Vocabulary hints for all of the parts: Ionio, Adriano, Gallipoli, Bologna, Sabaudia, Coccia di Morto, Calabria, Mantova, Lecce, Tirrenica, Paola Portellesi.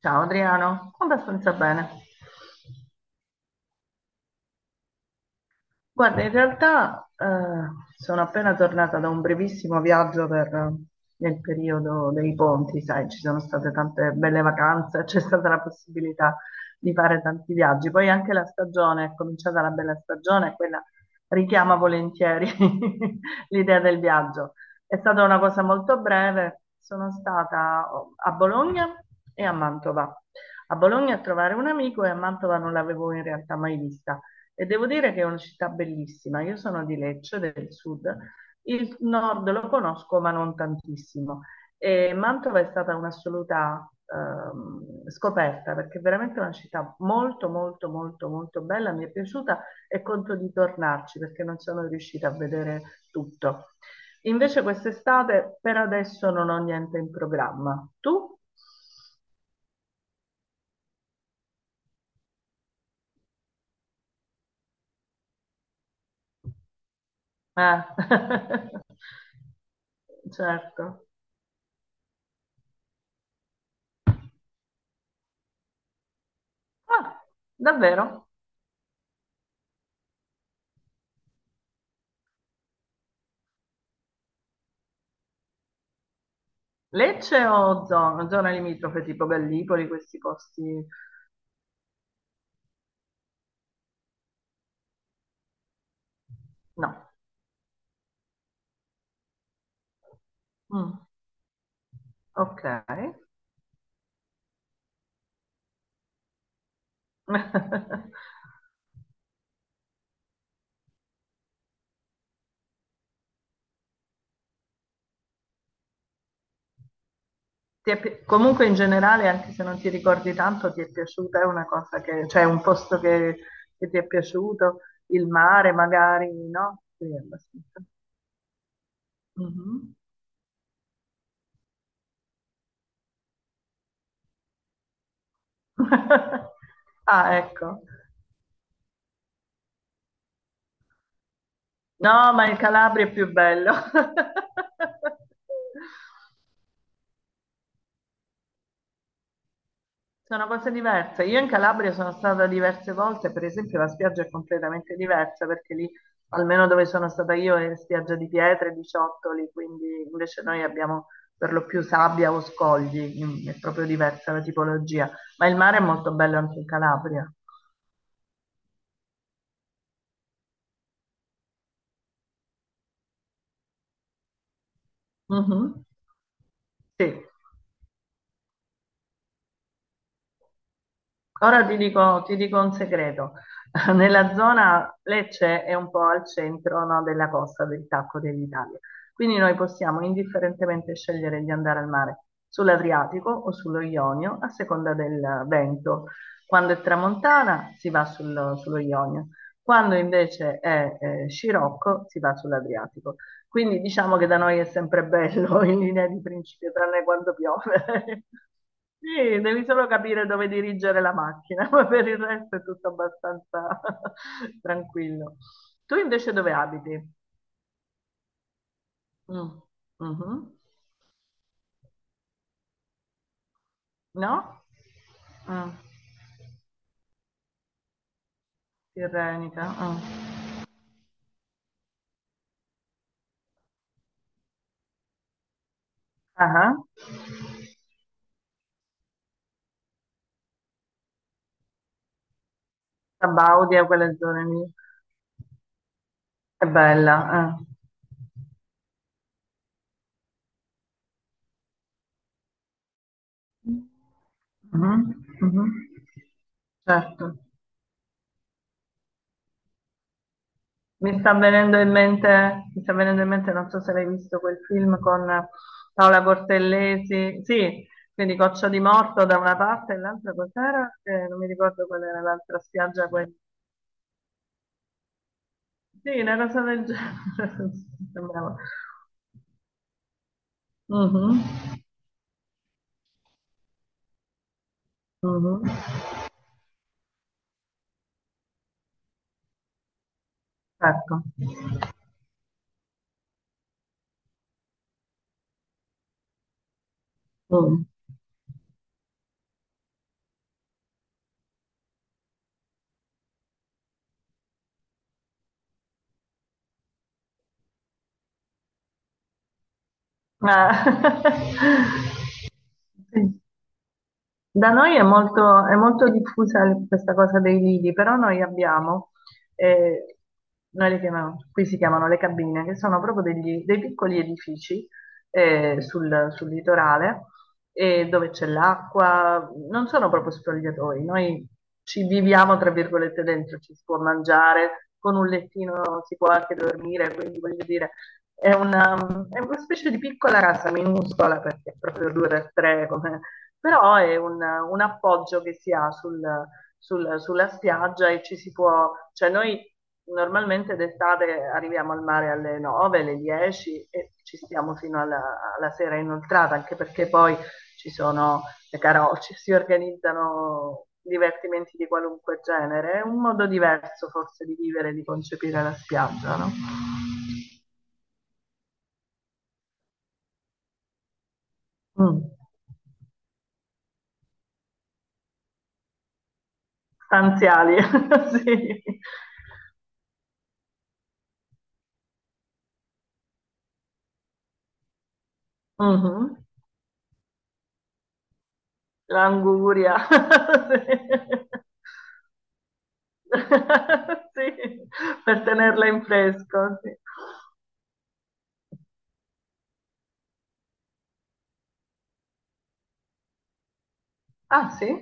Ciao Adriano, abbastanza bene. Guarda, in realtà sono appena tornata da un brevissimo viaggio nel periodo dei ponti, sai, ci sono state tante belle vacanze, c'è stata la possibilità di fare tanti viaggi. Poi anche la stagione, è cominciata la bella stagione, e quella richiama volentieri l'idea del viaggio. È stata una cosa molto breve, sono stata oh, a Bologna e a Mantova. A Bologna a trovare un amico e a Mantova non l'avevo in realtà mai vista. E devo dire che è una città bellissima. Io sono di Lecce, del sud. Il nord lo conosco, ma non tantissimo. E Mantova è stata un'assoluta scoperta, perché è veramente una città molto, molto, molto, molto bella. Mi è piaciuta e conto di tornarci, perché non sono riuscita a vedere tutto. Invece quest'estate, per adesso, non ho niente in programma. Tu? Eh. Certo. Ah, davvero? Lecce o zona? Zona limitrofe tipo Gallipoli, questi posti? No. Mm, ok. Comunque in generale, anche se non ti ricordi tanto, ti è piaciuta? È una cosa che, cioè un posto che ti è piaciuto? Il mare magari, no? Sì, abbastanza. Mhm. Ah, ecco. No, ma il Calabria è più bello. Sono cose diverse. Io in Calabria sono stata diverse volte, per esempio la spiaggia è completamente diversa perché lì, almeno dove sono stata io, è spiaggia di pietre, di ciottoli, quindi invece noi abbiamo per lo più sabbia o scogli, è proprio diversa la tipologia. Ma il mare è molto bello anche in Calabria. Mhm. Sì. Ora ti dico un segreto. Nella zona Lecce è un po' al centro, no, della costa del Tacco dell'Italia, quindi noi possiamo indifferentemente scegliere di andare al mare sull'Adriatico o sullo Ionio a seconda del vento. Quando è tramontana si va sullo Ionio, quando invece è scirocco si va sull'Adriatico. Quindi diciamo che da noi è sempre bello in linea di principio, tranne quando piove. Sì, devi solo capire dove dirigere la macchina, ma per il resto è tutto abbastanza tranquillo. Tu invece dove abiti? Mm, mhm. No? Mm. Tirrenica. Mm. Ah, ah. Sabaudia, quelle zone lì. È bella. Eh. Mhm, mhm. Certo. Mi sta venendo in mente, mi sta venendo in mente, non so se l'hai visto quel film con Paola Portellesi, sì, quindi Coccia di Morto da una parte e l'altra cos'era? Che non mi ricordo qual era l'altra spiaggia. Quella. Sì, una cosa del genere. Sembrava. Mhm, mhm. Ecco. Mm. Ah. Sì. Da noi è molto diffusa questa cosa dei lidi, però noi abbiamo, eh, noi le chiamiamo, qui si chiamano le cabine, che sono proprio dei piccoli edifici sul litorale e dove c'è l'acqua, non sono proprio spogliatoi, noi ci viviamo tra virgolette dentro, ci si può mangiare, con un lettino si può anche dormire, quindi voglio dire, è una, è una specie di piccola casa minuscola perché è proprio due per tre però è un appoggio che si ha sulla spiaggia e ci si può, cioè noi normalmente d'estate arriviamo al mare alle 9, alle 10 e ci stiamo fino alla sera inoltrata, anche perché poi ci sono le caroci, si organizzano divertimenti di qualunque genere, è un modo diverso forse di vivere, di concepire la spiaggia, no? Mm. Stanziali, sì. Mhm. L'anguria, sì. Sì, per tenerla in fresco, sì. Ah sì?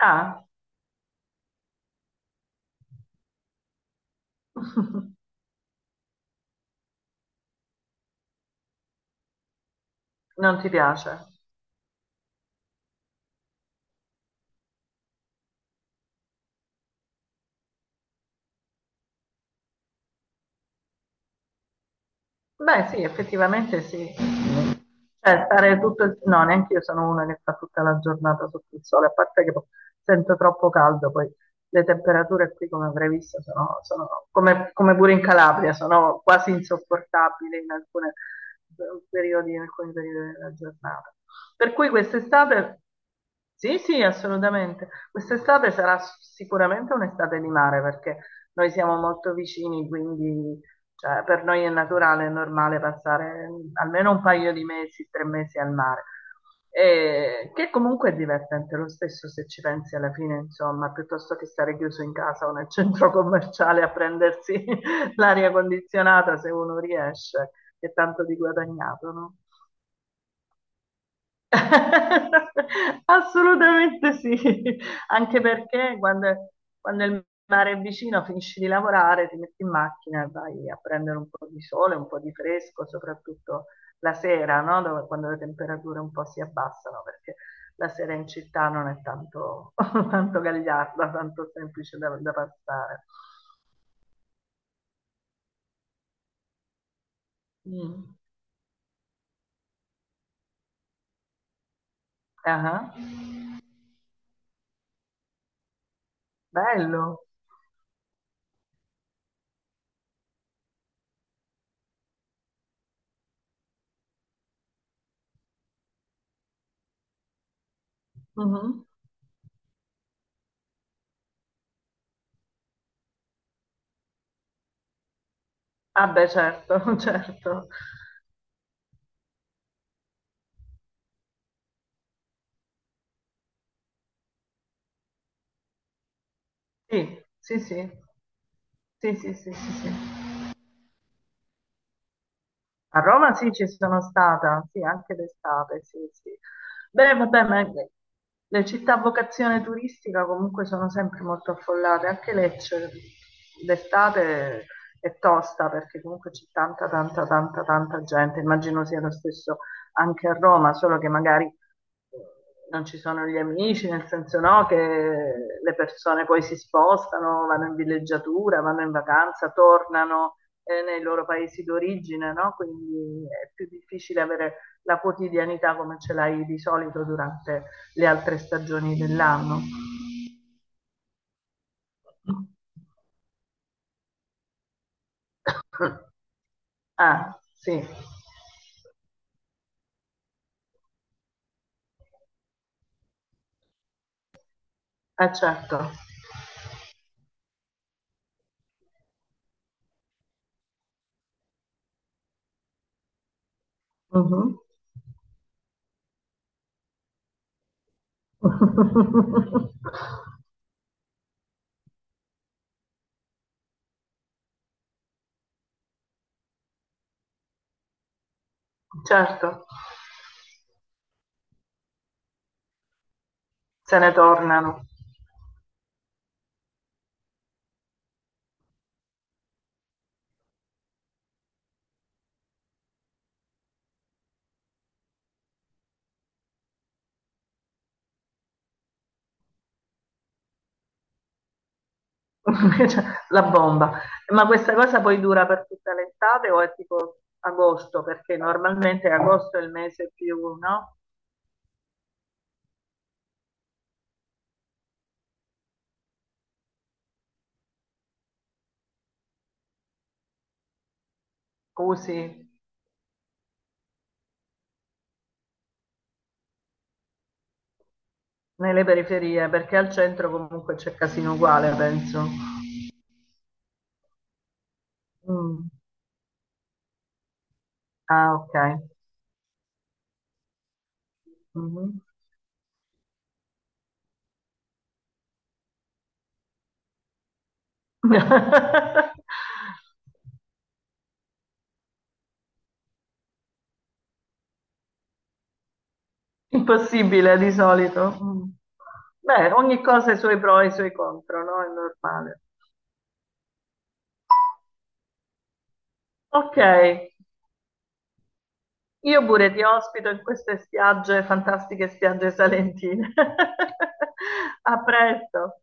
Ah, non ti piace? Beh, sì, effettivamente sì. Cioè, stare tutto il... No, neanche io sono una che sta tutta la giornata sotto il sole, a parte che sento troppo caldo, poi le temperature qui, come avrai visto, sono come pure in Calabria, sono quasi insopportabili in alcune periodi, in alcuni periodi della giornata. Per cui quest'estate, sì, sì, assolutamente, quest'estate sarà sicuramente un'estate di mare, perché noi siamo molto vicini, quindi cioè, per noi è naturale, è normale passare almeno un paio di mesi, 3 mesi al mare. Che comunque è divertente lo stesso se ci pensi alla fine, insomma, piuttosto che stare chiuso in casa o nel centro commerciale a prendersi l'aria condizionata se uno riesce, che tanto di guadagnato, no? Assolutamente sì, anche perché quando il mare è vicino finisci di lavorare, ti metti in macchina e vai a prendere un po' di sole, un po' di fresco, soprattutto la sera, no? Quando le temperature un po' si abbassano, perché la sera in città non è tanto, tanto gagliarda, tanto semplice da passare. Mm. Ah, bello. Mhm. Ah beh, certo, certo. Sì, sì, sì. Sì, sì, sì, sì, sì. A Roma sì, ci sono stata, sì, anche d'estate, sì, sì. Beh, vabbè, ma le città a vocazione turistica comunque sono sempre molto affollate, anche Lecce d'estate è tosta perché comunque c'è tanta, tanta, tanta, tanta gente. Immagino sia lo stesso anche a Roma, solo che magari non ci sono gli amici, nel senso no, che le persone poi si spostano, vanno in villeggiatura, vanno in vacanza, tornano nei loro paesi d'origine, no? Quindi è più difficile avere la quotidianità come ce l'hai di solito durante le altre stagioni dell'anno. Ah, sì, ah, certo. Mhm. Certo, se ne tornano. Cioè, la bomba. Ma questa cosa poi dura per tutta l'estate o è tipo agosto? Perché normalmente agosto è il mese più, no? Usi. Nelle periferie, perché al centro comunque c'è casino uguale, penso. Mm. Ah, ok. Mhm. Impossibile di solito. Mm. Beh, ogni cosa ha i suoi pro e i suoi contro, no? È normale. Ok, io pure ti ospito in queste spiagge, fantastiche spiagge salentine. A presto.